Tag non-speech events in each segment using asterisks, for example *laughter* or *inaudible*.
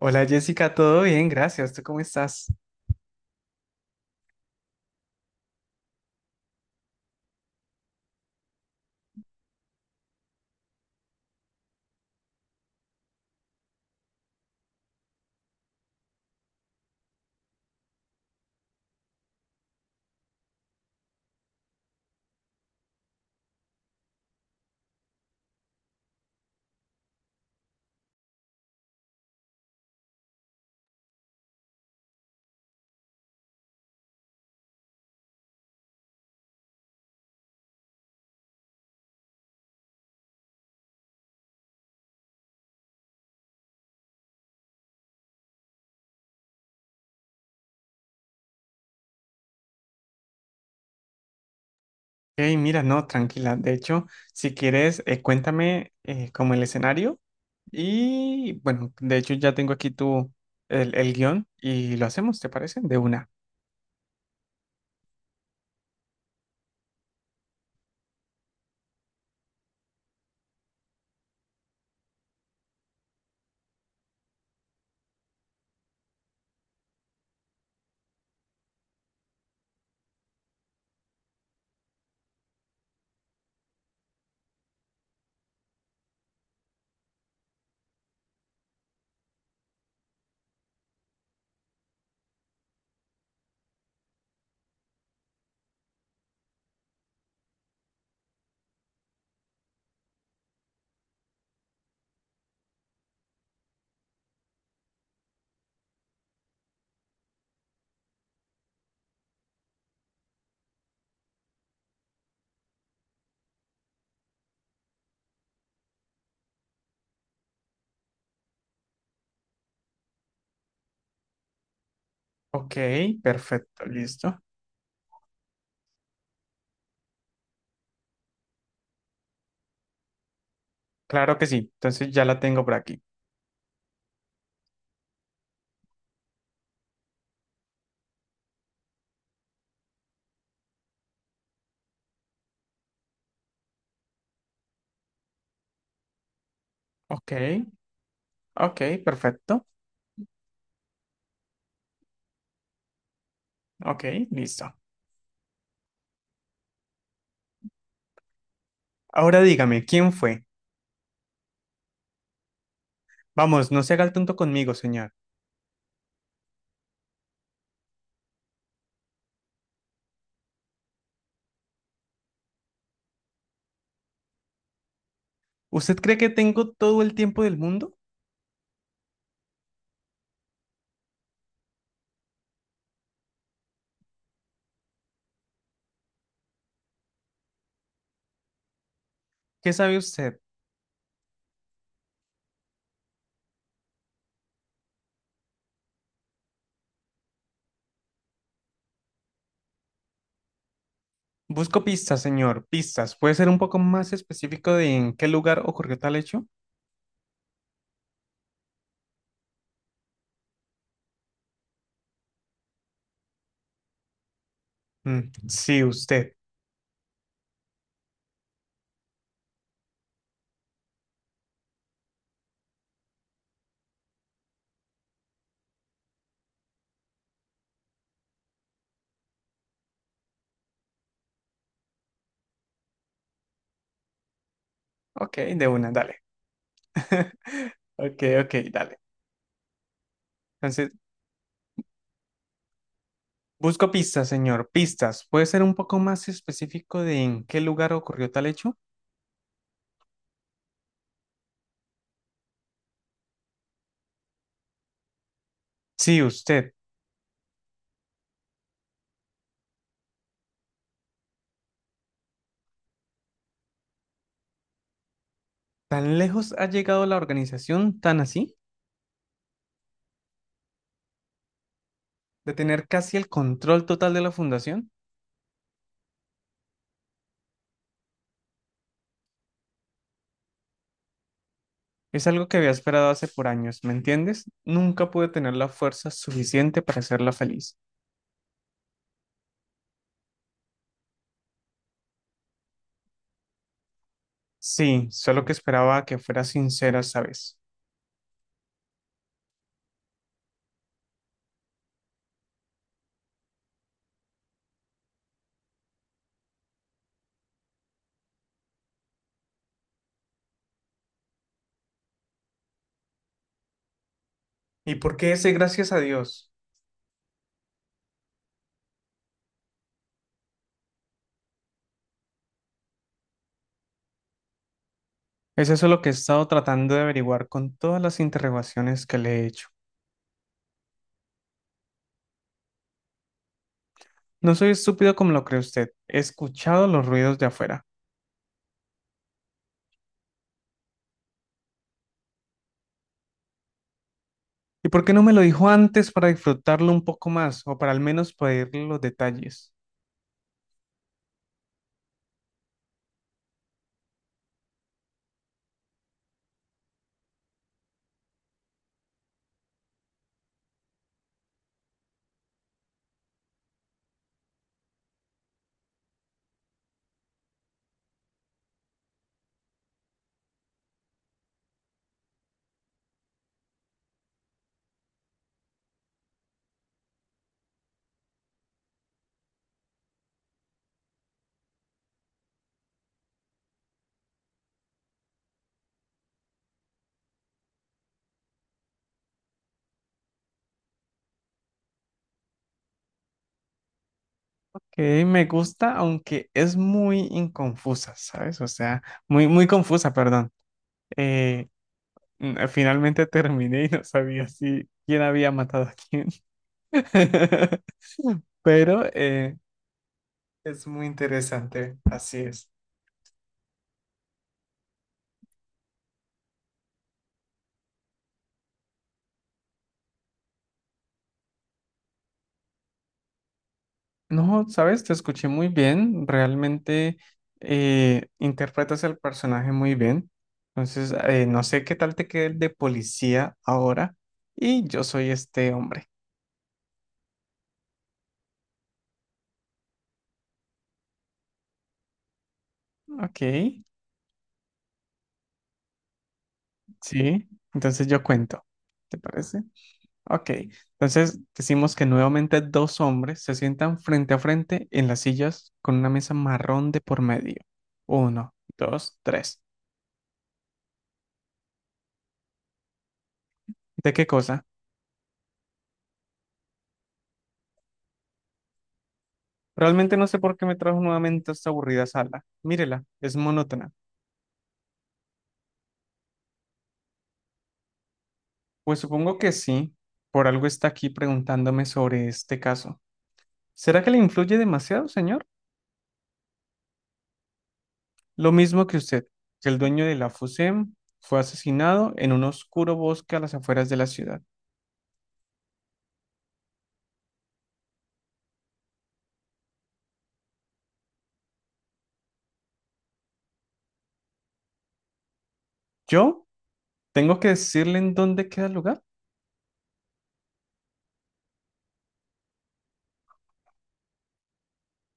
Hola Jessica, todo bien, gracias. ¿Tú cómo estás? Hey, mira, no, tranquila. De hecho, si quieres, cuéntame como el escenario y bueno, de hecho ya tengo aquí tu el guión y lo hacemos, ¿te parece? De una. Ok, perfecto, listo. Claro que sí. Entonces ya la tengo por aquí. Ok, ok, perfecto. Ok, listo. Ahora dígame, ¿quién fue? Vamos, no se haga el tonto conmigo, señor. ¿Usted cree que tengo todo el tiempo del mundo? ¿Qué sabe usted? Busco pistas, señor, pistas. ¿Puede ser un poco más específico de en qué lugar ocurrió tal hecho? Mm, sí, usted. Ok, de una, dale. *laughs* Ok, ok, dale. Entonces, busco pistas, señor, pistas. ¿Puede ser un poco más específico de en qué lugar ocurrió tal hecho? Sí, usted. ¿Tan lejos ha llegado la organización, tan así, de tener casi el control total de la fundación? Es algo que había esperado hace por años, ¿me entiendes? Nunca pude tener la fuerza suficiente para hacerla feliz. Sí, solo que esperaba que fuera sincera esta vez. ¿Y por qué ese gracias a Dios? Es eso lo que he estado tratando de averiguar con todas las interrogaciones que le he hecho. No soy estúpido como lo cree usted. He escuchado los ruidos de afuera. ¿Y por qué no me lo dijo antes para disfrutarlo un poco más o para al menos pedirle los detalles? Que me gusta, aunque es muy inconfusa, ¿sabes? O sea, muy, muy confusa, perdón. Eh, finalmente terminé y no sabía si quién había matado a quién. *laughs* Pero es muy interesante, así es. No, sabes, te escuché muy bien, realmente interpretas el personaje muy bien. Entonces, no sé qué tal te quede el de policía ahora. Y yo soy este hombre, ¿ok? Sí, entonces yo cuento, ¿te parece? Ok, entonces decimos que nuevamente dos hombres se sientan frente a frente en las sillas con una mesa marrón de por medio. Uno, dos, tres. ¿De qué cosa? Realmente no sé por qué me trajo nuevamente a esta aburrida sala. Mírela, es monótona. Pues supongo que sí, por algo está aquí preguntándome sobre este caso. ¿Será que le influye demasiado, señor? Lo mismo que usted, que el dueño de la FUSEM fue asesinado en un oscuro bosque a las afueras de la ciudad. ¿Yo? Tengo que decirle en dónde queda el lugar.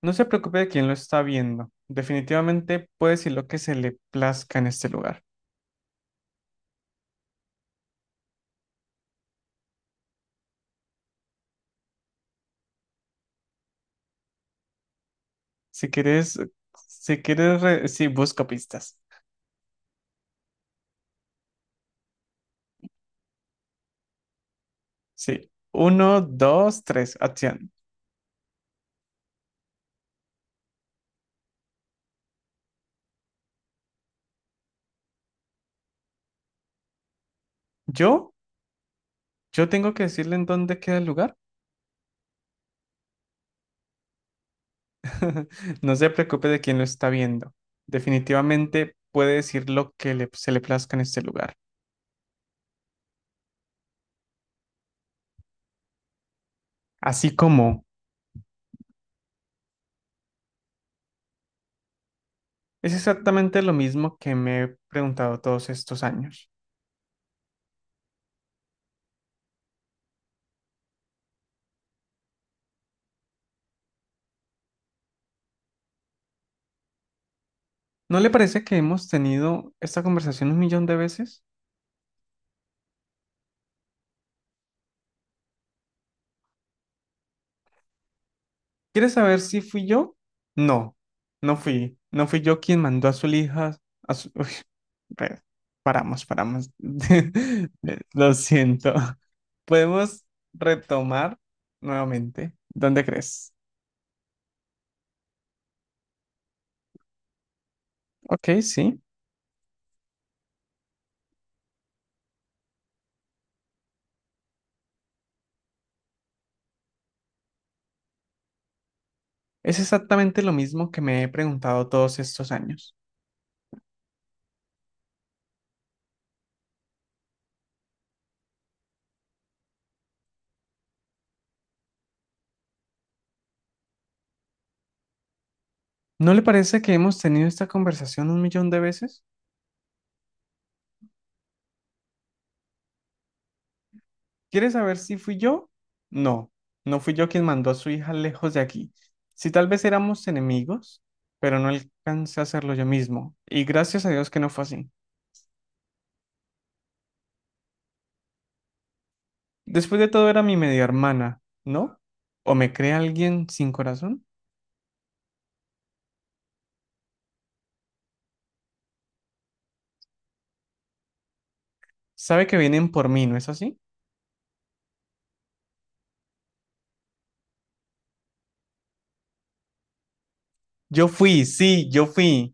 No se preocupe de quién lo está viendo. Definitivamente puede decir lo que se le plazca en este lugar. Si quieres, sí, busco pistas. Sí. Uno, dos, tres, acción. Yo, yo tengo que decirle en dónde queda el lugar. *laughs* No se preocupe de quién lo está viendo. Definitivamente puede decir lo que se le plazca en este lugar. Así como es exactamente lo mismo que me he preguntado todos estos años. ¿No le parece que hemos tenido esta conversación un millón de veces? ¿Quieres saber si fui yo? No, No fui yo quien mandó a su hija Uy, re- paramos, paramos. *laughs* Lo siento. Podemos retomar nuevamente. ¿Dónde crees? Ok, sí. Es exactamente lo mismo que me he preguntado todos estos años. ¿No le parece que hemos tenido esta conversación un millón de veces? ¿Quieres saber si fui yo? No, no fui yo quien mandó a su hija lejos de aquí. Si tal vez éramos enemigos, pero no alcancé a hacerlo yo mismo. Y gracias a Dios que no fue así. Después de todo era mi media hermana, ¿no? ¿O me cree alguien sin corazón? Sabe que vienen por mí, ¿no es así? Yo fui, sí, yo fui.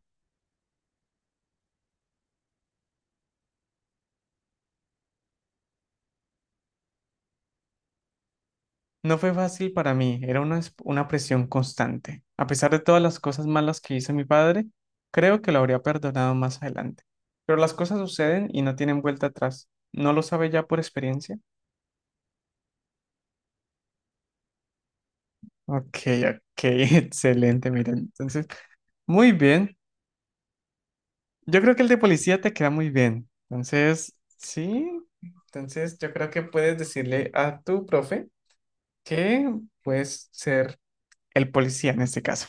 No fue fácil para mí, era una presión constante. A pesar de todas las cosas malas que hizo mi padre, creo que lo habría perdonado más adelante. Pero las cosas suceden y no tienen vuelta atrás. ¿No lo sabe ya por experiencia? Ok, ok, *laughs* excelente, miren. Entonces, muy bien. Yo creo que el de policía te queda muy bien. Entonces, sí. Entonces, yo creo que puedes decirle a tu profe que puedes ser el policía en este caso.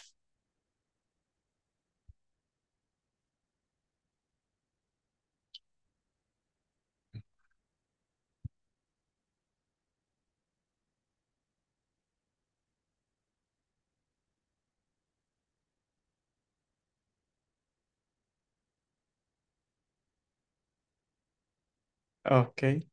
Ok.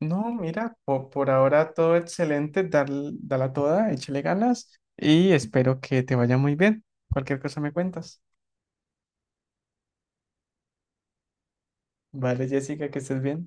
No, mira, ahora todo excelente, dala toda, échale ganas y espero que te vaya muy bien. Cualquier cosa me cuentas. Vale, Jessica, que estés bien.